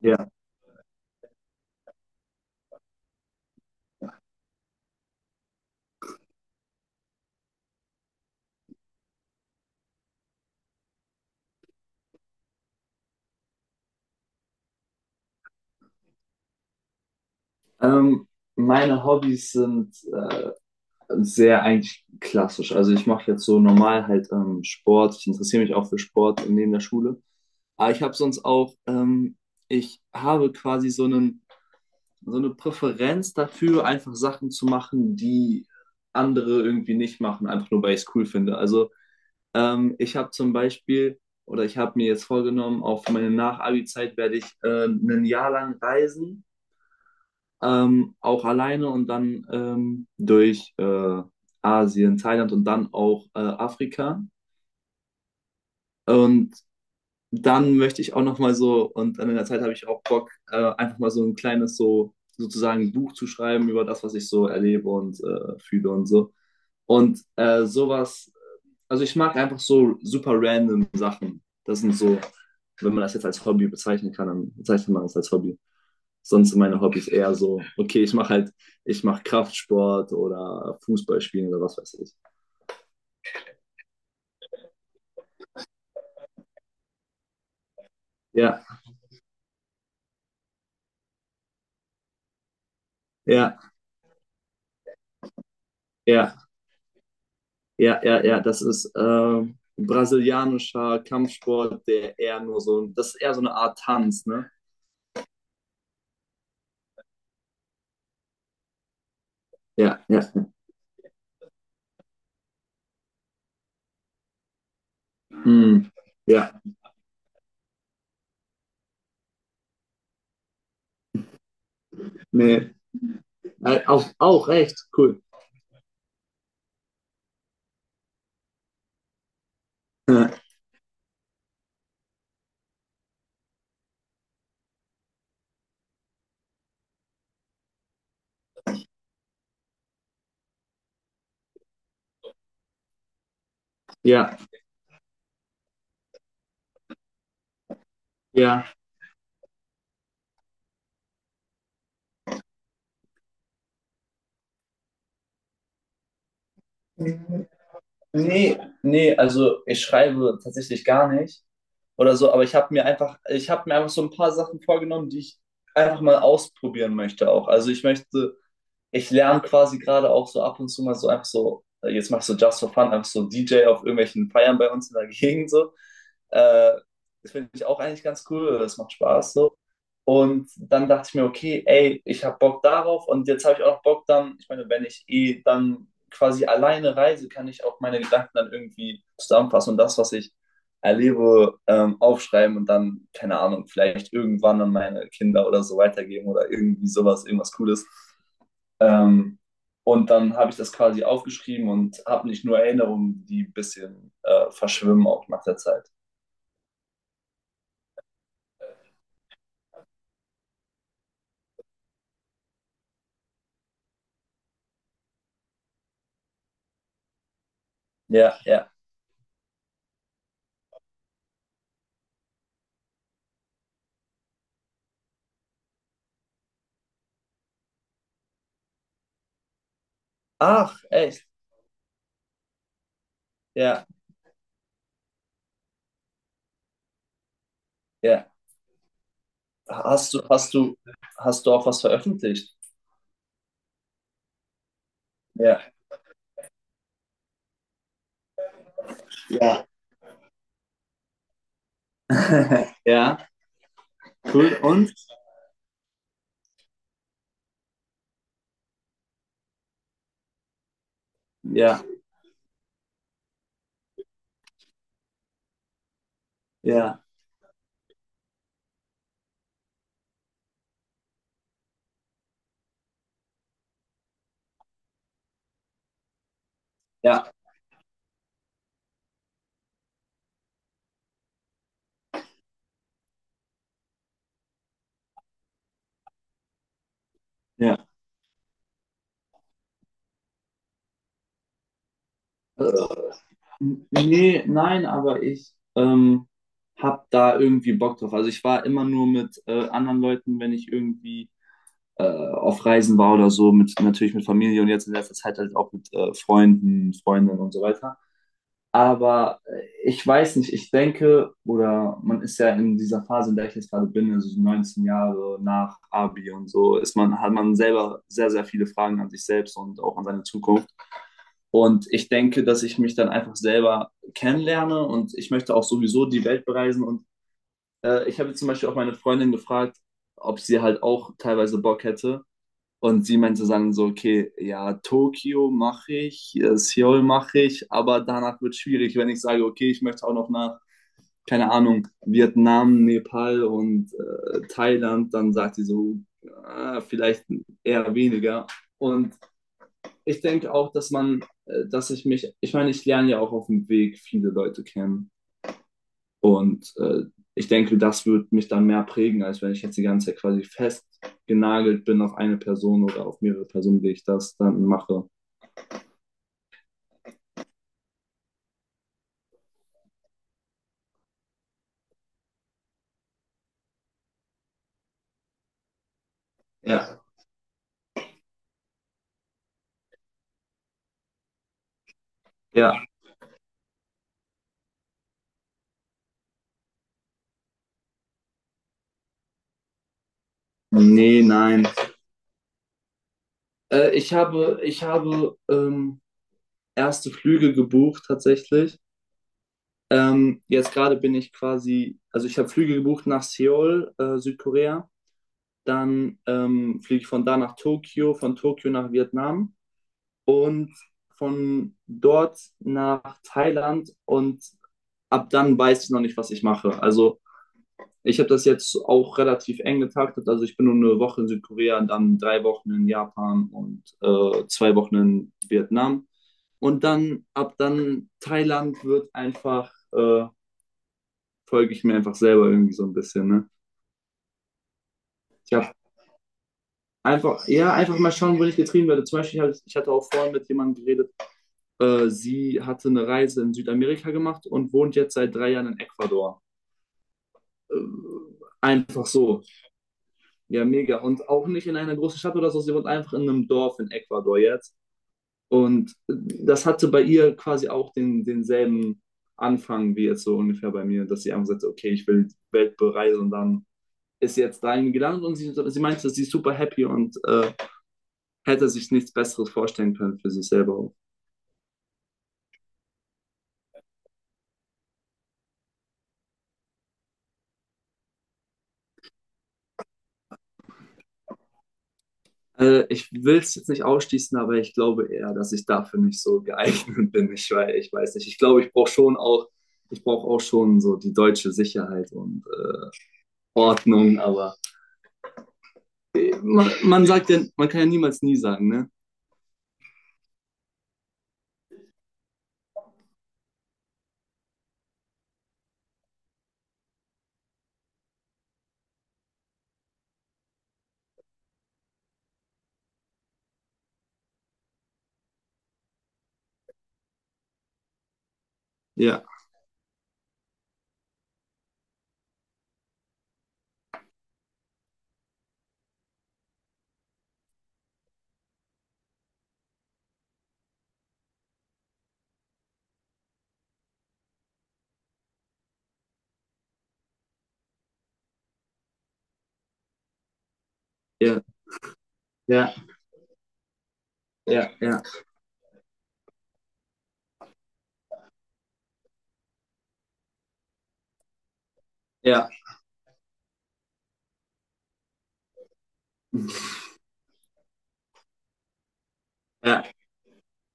Ja, ähm, meine Hobbys sind sehr eigentlich klassisch. Also ich mache jetzt so normal halt Sport. Ich interessiere mich auch für Sport neben der Schule. Aber ich habe sonst auch, ich habe quasi so eine Präferenz dafür, einfach Sachen zu machen, die andere irgendwie nicht machen, einfach nur weil ich es cool finde. Also ich habe zum Beispiel, oder ich habe mir jetzt vorgenommen, auf meine Nach-Abi-Zeit werde ich ein Jahr lang reisen, auch alleine und dann durch Asien, Thailand und dann auch Afrika. Und dann möchte ich auch noch mal so, und in der Zeit habe ich auch Bock, einfach mal so ein kleines so sozusagen Buch zu schreiben über das, was ich so erlebe und fühle und so. Und sowas, also ich mag einfach so super random Sachen. Das sind so, wenn man das jetzt als Hobby bezeichnen kann, dann bezeichnet man das als Hobby. Sonst sind meine Hobbys eher so, okay, ich mache halt, ich mache Kraftsport oder Fußball spielen oder was weiß ich. Ja, ja, ja, ja, ja, ja, das ist brasilianischer Kampfsport, der eher nur so, das ist eher so eine Art Tanz, ne? Ja, ja, hm, ja, nee, auch recht, cool. Ja, ja, ja. Nee, nee, also ich schreibe tatsächlich gar nicht oder so, aber ich habe mir einfach so ein paar Sachen vorgenommen, die ich einfach mal ausprobieren möchte auch. Ich lerne quasi gerade auch so ab und zu mal so einfach so, jetzt mach ich so just for fun, einfach so DJ auf irgendwelchen Feiern bei uns in der Gegend so. Äh, Das finde ich auch eigentlich ganz cool, das macht Spaß so. Und dann dachte ich mir, okay, ey, ich habe Bock darauf und jetzt habe ich auch noch Bock dann, ich meine, wenn ich eh dann quasi alleine reise, kann ich auch meine Gedanken dann irgendwie zusammenfassen und das, was ich erlebe, aufschreiben und dann, keine Ahnung, vielleicht irgendwann an meine Kinder oder so weitergeben oder irgendwie sowas, irgendwas Cooles. Ähm, und dann habe ich das quasi aufgeschrieben und habe nicht nur Erinnerungen, die ein bisschen verschwimmen auch nach der Zeit. Ja, ja. Ach, echt? Ja, ja. Hast du, hast du, hast du auch was veröffentlicht? Ja. Ja, Ja, cool. Und? Ja, ja, ja, ja. Äh, Nee, nein, aber ich hab da irgendwie Bock drauf. Also ich war immer nur mit anderen Leuten, wenn ich irgendwie auf Reisen war oder so, mit, natürlich mit Familie und jetzt in letzter Zeit halt auch mit Freunden, Freundinnen und so weiter. Aber ich weiß nicht, ich denke, oder man ist ja in dieser Phase, in der ich jetzt gerade bin, also so 19 Jahre nach Abi und so, ist man, hat man selber sehr, sehr viele Fragen an sich selbst und auch an seine Zukunft. Und ich denke, dass ich mich dann einfach selber kennenlerne und ich möchte auch sowieso die Welt bereisen. Und ich habe jetzt zum Beispiel auch meine Freundin gefragt, ob sie halt auch teilweise Bock hätte. Und sie meinte dann so, okay, ja, Tokio mache ich, Seoul mache ich, aber danach wird es schwierig, wenn ich sage, okay, ich möchte auch noch nach, keine Ahnung, Vietnam, Nepal und Thailand, dann sagt sie so, ah, vielleicht eher weniger. Und ich denke auch, ich meine, ich lerne ja auch auf dem Weg viele Leute kennen. Und ich denke, das wird mich dann mehr prägen, als wenn ich jetzt die ganze Zeit quasi festgenagelt bin auf eine Person oder auf mehrere Personen, die ich das dann mache. Ja. Ja, nee, nein. Ich habe erste Flüge gebucht tatsächlich. Jetzt gerade bin ich quasi, also ich habe Flüge gebucht nach Seoul, Südkorea. Dann fliege ich von da nach Tokio, von Tokio nach Vietnam und von dort nach Thailand und ab dann weiß ich noch nicht, was ich mache. Also ich habe das jetzt auch relativ eng getaktet. Also ich bin nur 1 Woche in Südkorea, dann 3 Wochen in Japan und 2 Wochen in Vietnam. Und dann ab dann Thailand wird einfach, folge ich mir einfach selber irgendwie so ein bisschen. Ne? Ich habe einfach, ja, einfach mal schauen, wo ich getrieben werde. Zum Beispiel, ich hatte auch vorhin mit jemandem geredet, sie hatte eine Reise in Südamerika gemacht und wohnt jetzt seit 3 Jahren in Ecuador. Äh, Einfach so. Ja, mega. Und auch nicht in einer großen Stadt oder so, sie wohnt einfach in einem Dorf in Ecuador jetzt. Und das hatte bei ihr quasi auch denselben Anfang wie jetzt so ungefähr bei mir, dass sie einfach sagte, okay, ich will die Welt bereisen und dann ist sie jetzt dahin gelandet und sie meinte, sie ist super happy und hätte sich nichts Besseres vorstellen können für sich selber auch. Ich will es jetzt nicht ausschließen, aber ich glaube eher, dass ich dafür nicht so geeignet bin. Ich weiß nicht. Ich glaube, ich brauche auch schon so die deutsche Sicherheit und Ordnung, aber man sagt ja, man kann ja niemals nie sagen, ne? Ja, ja, ja, ja, ja, ja, ja.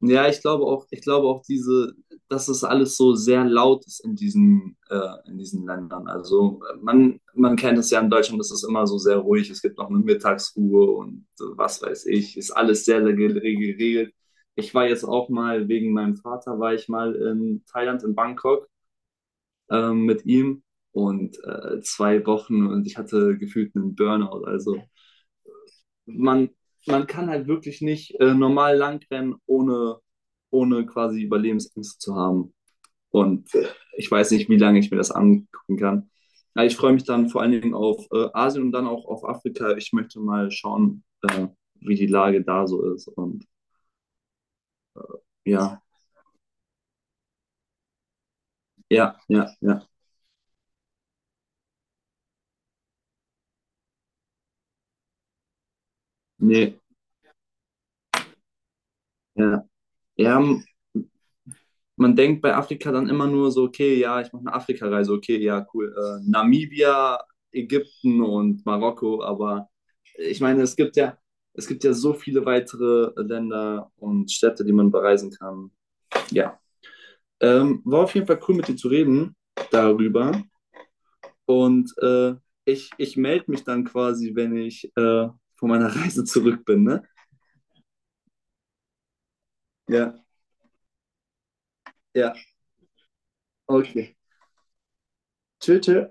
Ja, ich glaube auch diese, dass es alles so sehr laut ist in diesen Ländern. Also man kennt es ja in Deutschland, es ist immer so sehr ruhig, es gibt noch eine Mittagsruhe und was weiß ich, ist alles sehr, sehr geregelt. Ich war jetzt auch mal, wegen meinem Vater war ich mal in Thailand, in Bangkok mit ihm und 2 Wochen und ich hatte gefühlt einen Burnout. Also man, man kann halt wirklich nicht normal langrennen, ohne quasi Überlebensängste zu haben. Und ich weiß nicht, wie lange ich mir das angucken kann. Ja, ich freue mich dann vor allen Dingen auf Asien und dann auch auf Afrika. Ich möchte mal schauen, wie die Lage da so ist. Und ja, ja, ja, ja. Nee, ja. Ja, man denkt bei Afrika dann immer nur so, okay, ja, ich mache eine Afrika-Reise, okay, ja, cool. Namibia, Ägypten und Marokko, aber ich meine, es gibt ja so viele weitere Länder und Städte, die man bereisen kann. Ja. War auf jeden Fall cool, mit dir zu reden darüber. Und ich melde mich dann quasi, wenn ich von meiner Reise zurück bin, ne? Ja, ja, okay. Tschüss, tschüss.